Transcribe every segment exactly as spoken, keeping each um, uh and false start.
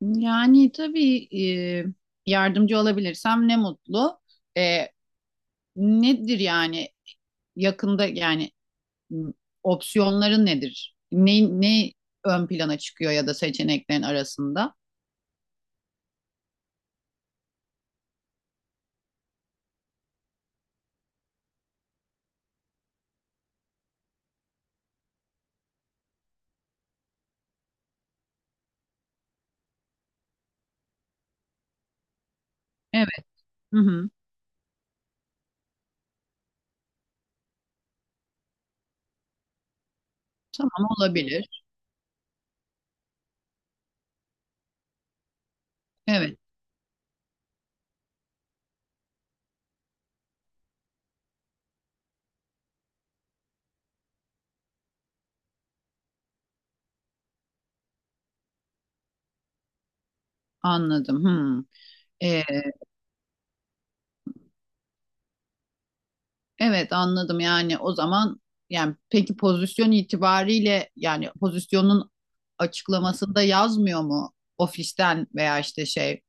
Yani tabii e, yardımcı olabilirsem ne mutlu. E, nedir yani yakında yani m, opsiyonların nedir? Ne, ne ön plana çıkıyor ya da seçeneklerin arasında? Evet. Hı hı. Tamam olabilir. Evet, anladım. Hı. Evet, anladım, yani o zaman yani peki pozisyon itibariyle yani pozisyonun açıklamasında yazmıyor mu ofisten veya işte şey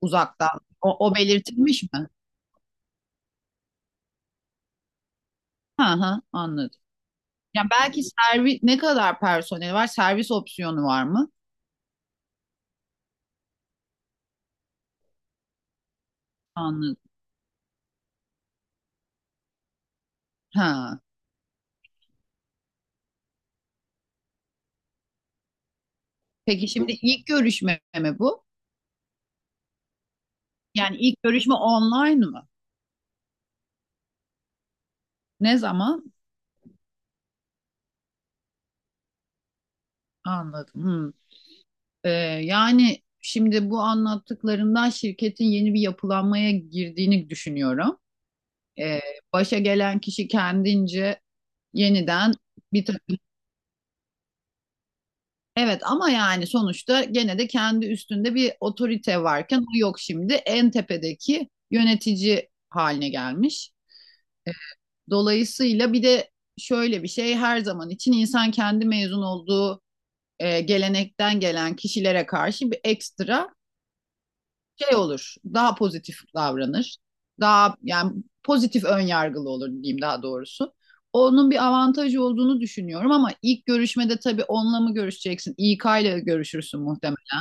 uzaktan o, o belirtilmiş mi? Hı hı, anladım. Yani belki servis, ne kadar personel var, servis opsiyonu var mı? Anladım. Ha. Peki şimdi ilk görüşme mi bu? Yani ilk görüşme online mı? Ne zaman? Anladım. Hı. Ee, Yani şimdi bu anlattıklarından şirketin yeni bir yapılanmaya girdiğini düşünüyorum. Ee, Başa gelen kişi kendince yeniden bir takım. Evet, ama yani sonuçta gene de kendi üstünde bir otorite varken o yok şimdi. En tepedeki yönetici haline gelmiş. Dolayısıyla bir de şöyle bir şey, her zaman için insan kendi mezun olduğu e, gelenekten gelen kişilere karşı bir ekstra şey olur, daha pozitif davranır. Daha yani pozitif ön yargılı olur diyeyim, daha doğrusu. Onun bir avantajı olduğunu düşünüyorum ama ilk görüşmede tabii onunla mı görüşeceksin? İK ile görüşürsün muhtemelen.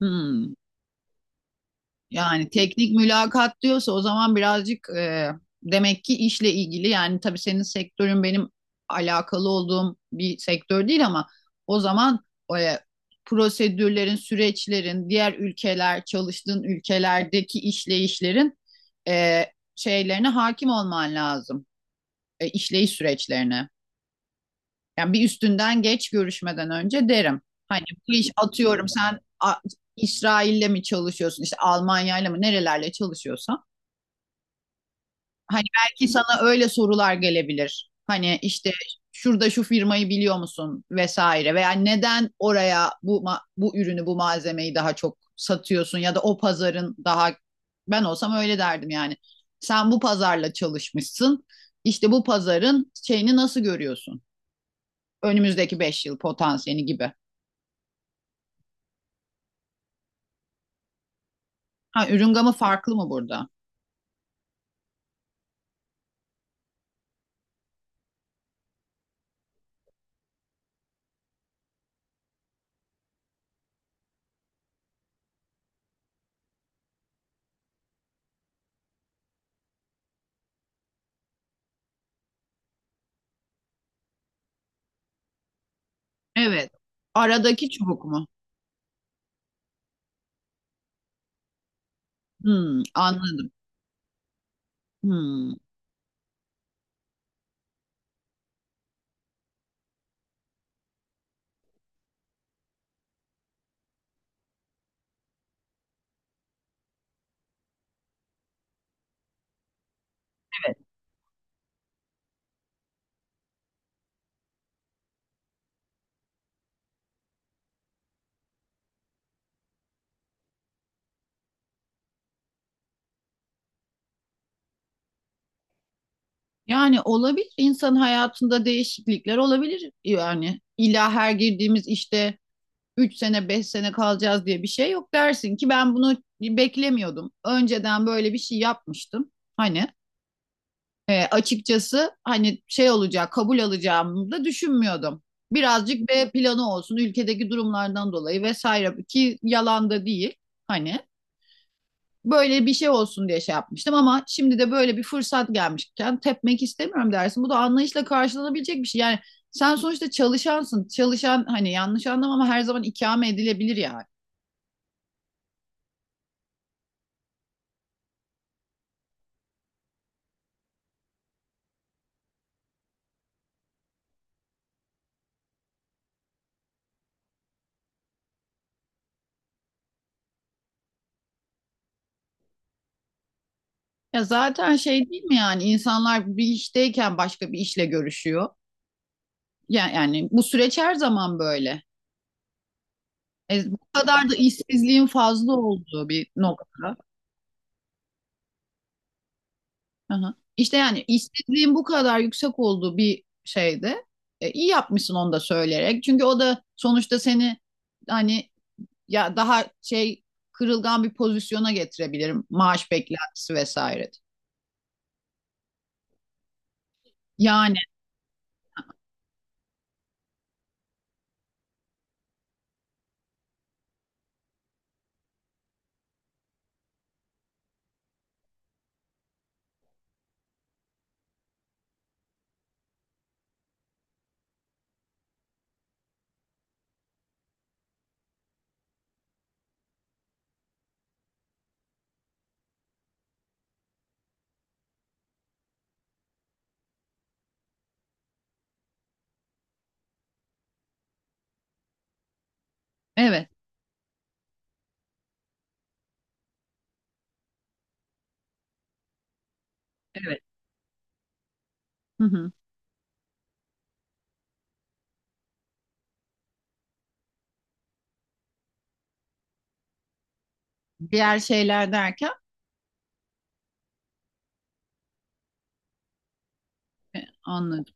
Hmm. Yani teknik mülakat diyorsa o zaman birazcık e, demek ki işle ilgili, yani tabii senin sektörün benim alakalı olduğum bir sektör değil ama o zaman e, prosedürlerin, süreçlerin, diğer ülkeler, çalıştığın ülkelerdeki işleyişlerin e, şeylerine hakim olman lazım. E, işleyiş süreçlerine. Yani bir üstünden geç görüşmeden önce derim. Hani bu iş, atıyorum, sen A- İsrail'le mi çalışıyorsun, işte Almanya'yla mı, nerelerle çalışıyorsan. Hani belki sana öyle sorular gelebilir. Hani işte şurada şu firmayı biliyor musun vesaire, veya neden oraya bu ma- bu ürünü bu malzemeyi daha çok satıyorsun ya da o pazarın daha, ben olsam öyle derdim yani. Sen bu pazarla çalışmışsın. İşte bu pazarın şeyini nasıl görüyorsun? Önümüzdeki beş yıl potansiyeli gibi. Ha, ürün gamı farklı mı burada? Evet. Aradaki çubuk mu? Hmm, anladım. Hmm. Yani olabilir. İnsan hayatında değişiklikler olabilir. Yani illa her girdiğimiz işte üç sene beş sene kalacağız diye bir şey yok, dersin ki ben bunu beklemiyordum. Önceden böyle bir şey yapmıştım. Hani e, açıkçası, hani şey olacak, kabul alacağımı da düşünmüyordum. Birazcık B planı olsun, ülkedeki durumlardan dolayı vesaire, ki yalan da değil. Hani böyle bir şey olsun diye şey yapmıştım ama şimdi de böyle bir fırsat gelmişken tepmek istemiyorum dersin. Bu da anlayışla karşılanabilecek bir şey. Yani sen sonuçta çalışansın. Çalışan, hani yanlış anlama, ama her zaman ikame edilebilir yani. Ya zaten şey değil mi, yani insanlar bir işteyken başka bir işle görüşüyor. Yani, yani bu süreç her zaman böyle. E, bu kadar da işsizliğin fazla olduğu bir nokta. Aha. İşte yani istediğim bu kadar yüksek olduğu bir şeyde e, iyi yapmışsın onu da söyleyerek. Çünkü o da sonuçta seni hani ya daha şey kırılgan bir pozisyona getirebilirim. Maaş beklentisi vesaire. Yani evet, evet. Hı hı. Diğer şeyler derken e, anladım.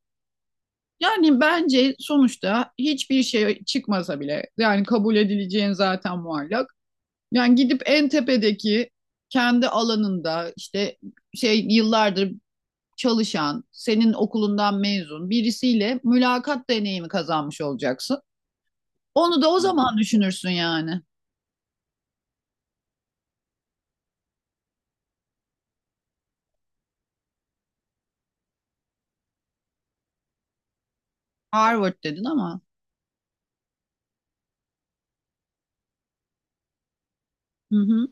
Yani bence sonuçta hiçbir şey çıkmasa bile, yani kabul edileceğin zaten muallak. Yani gidip en tepedeki kendi alanında işte şey yıllardır çalışan, senin okulundan mezun birisiyle mülakat deneyimi kazanmış olacaksın. Onu da o zaman düşünürsün yani. Harvard dedin ama. Hı hı.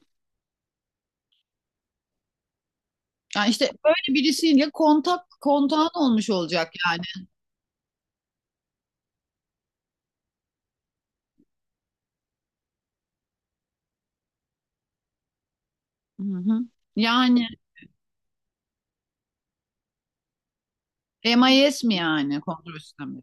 Yani işte böyle birisiyle kontak kontağın olmuş olacak yani. Hı hı. Yani M I S mi, yani kontrol sistemi?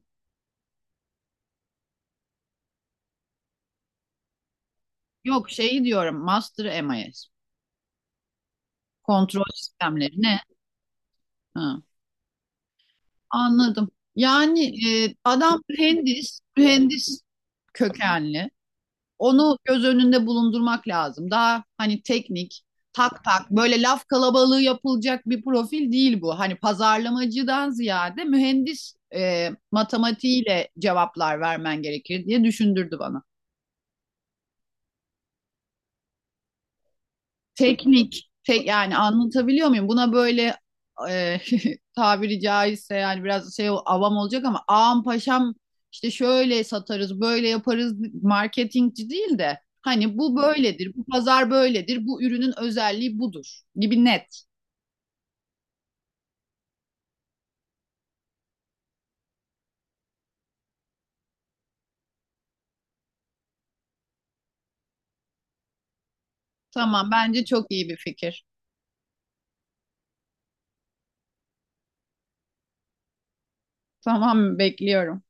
Yok, şeyi diyorum, Master m I s. Kontrol sistemleri ne? Ha, anladım. Yani e, adam mühendis, mühendis kökenli. Onu göz önünde bulundurmak lazım. Daha hani teknik, tak tak böyle laf kalabalığı yapılacak bir profil değil bu. Hani pazarlamacıdan ziyade mühendis e, matematiğiyle cevaplar vermen gerekir diye düşündürdü bana. Teknik, tek yani, anlatabiliyor muyum? Buna böyle e, tabiri caizse yani biraz şey, avam olacak ama, ağam paşam işte şöyle satarız, böyle yaparız, marketingci değil de hani bu böyledir, bu pazar böyledir, bu ürünün özelliği budur gibi net. Tamam, bence çok iyi bir fikir. Tamam, bekliyorum.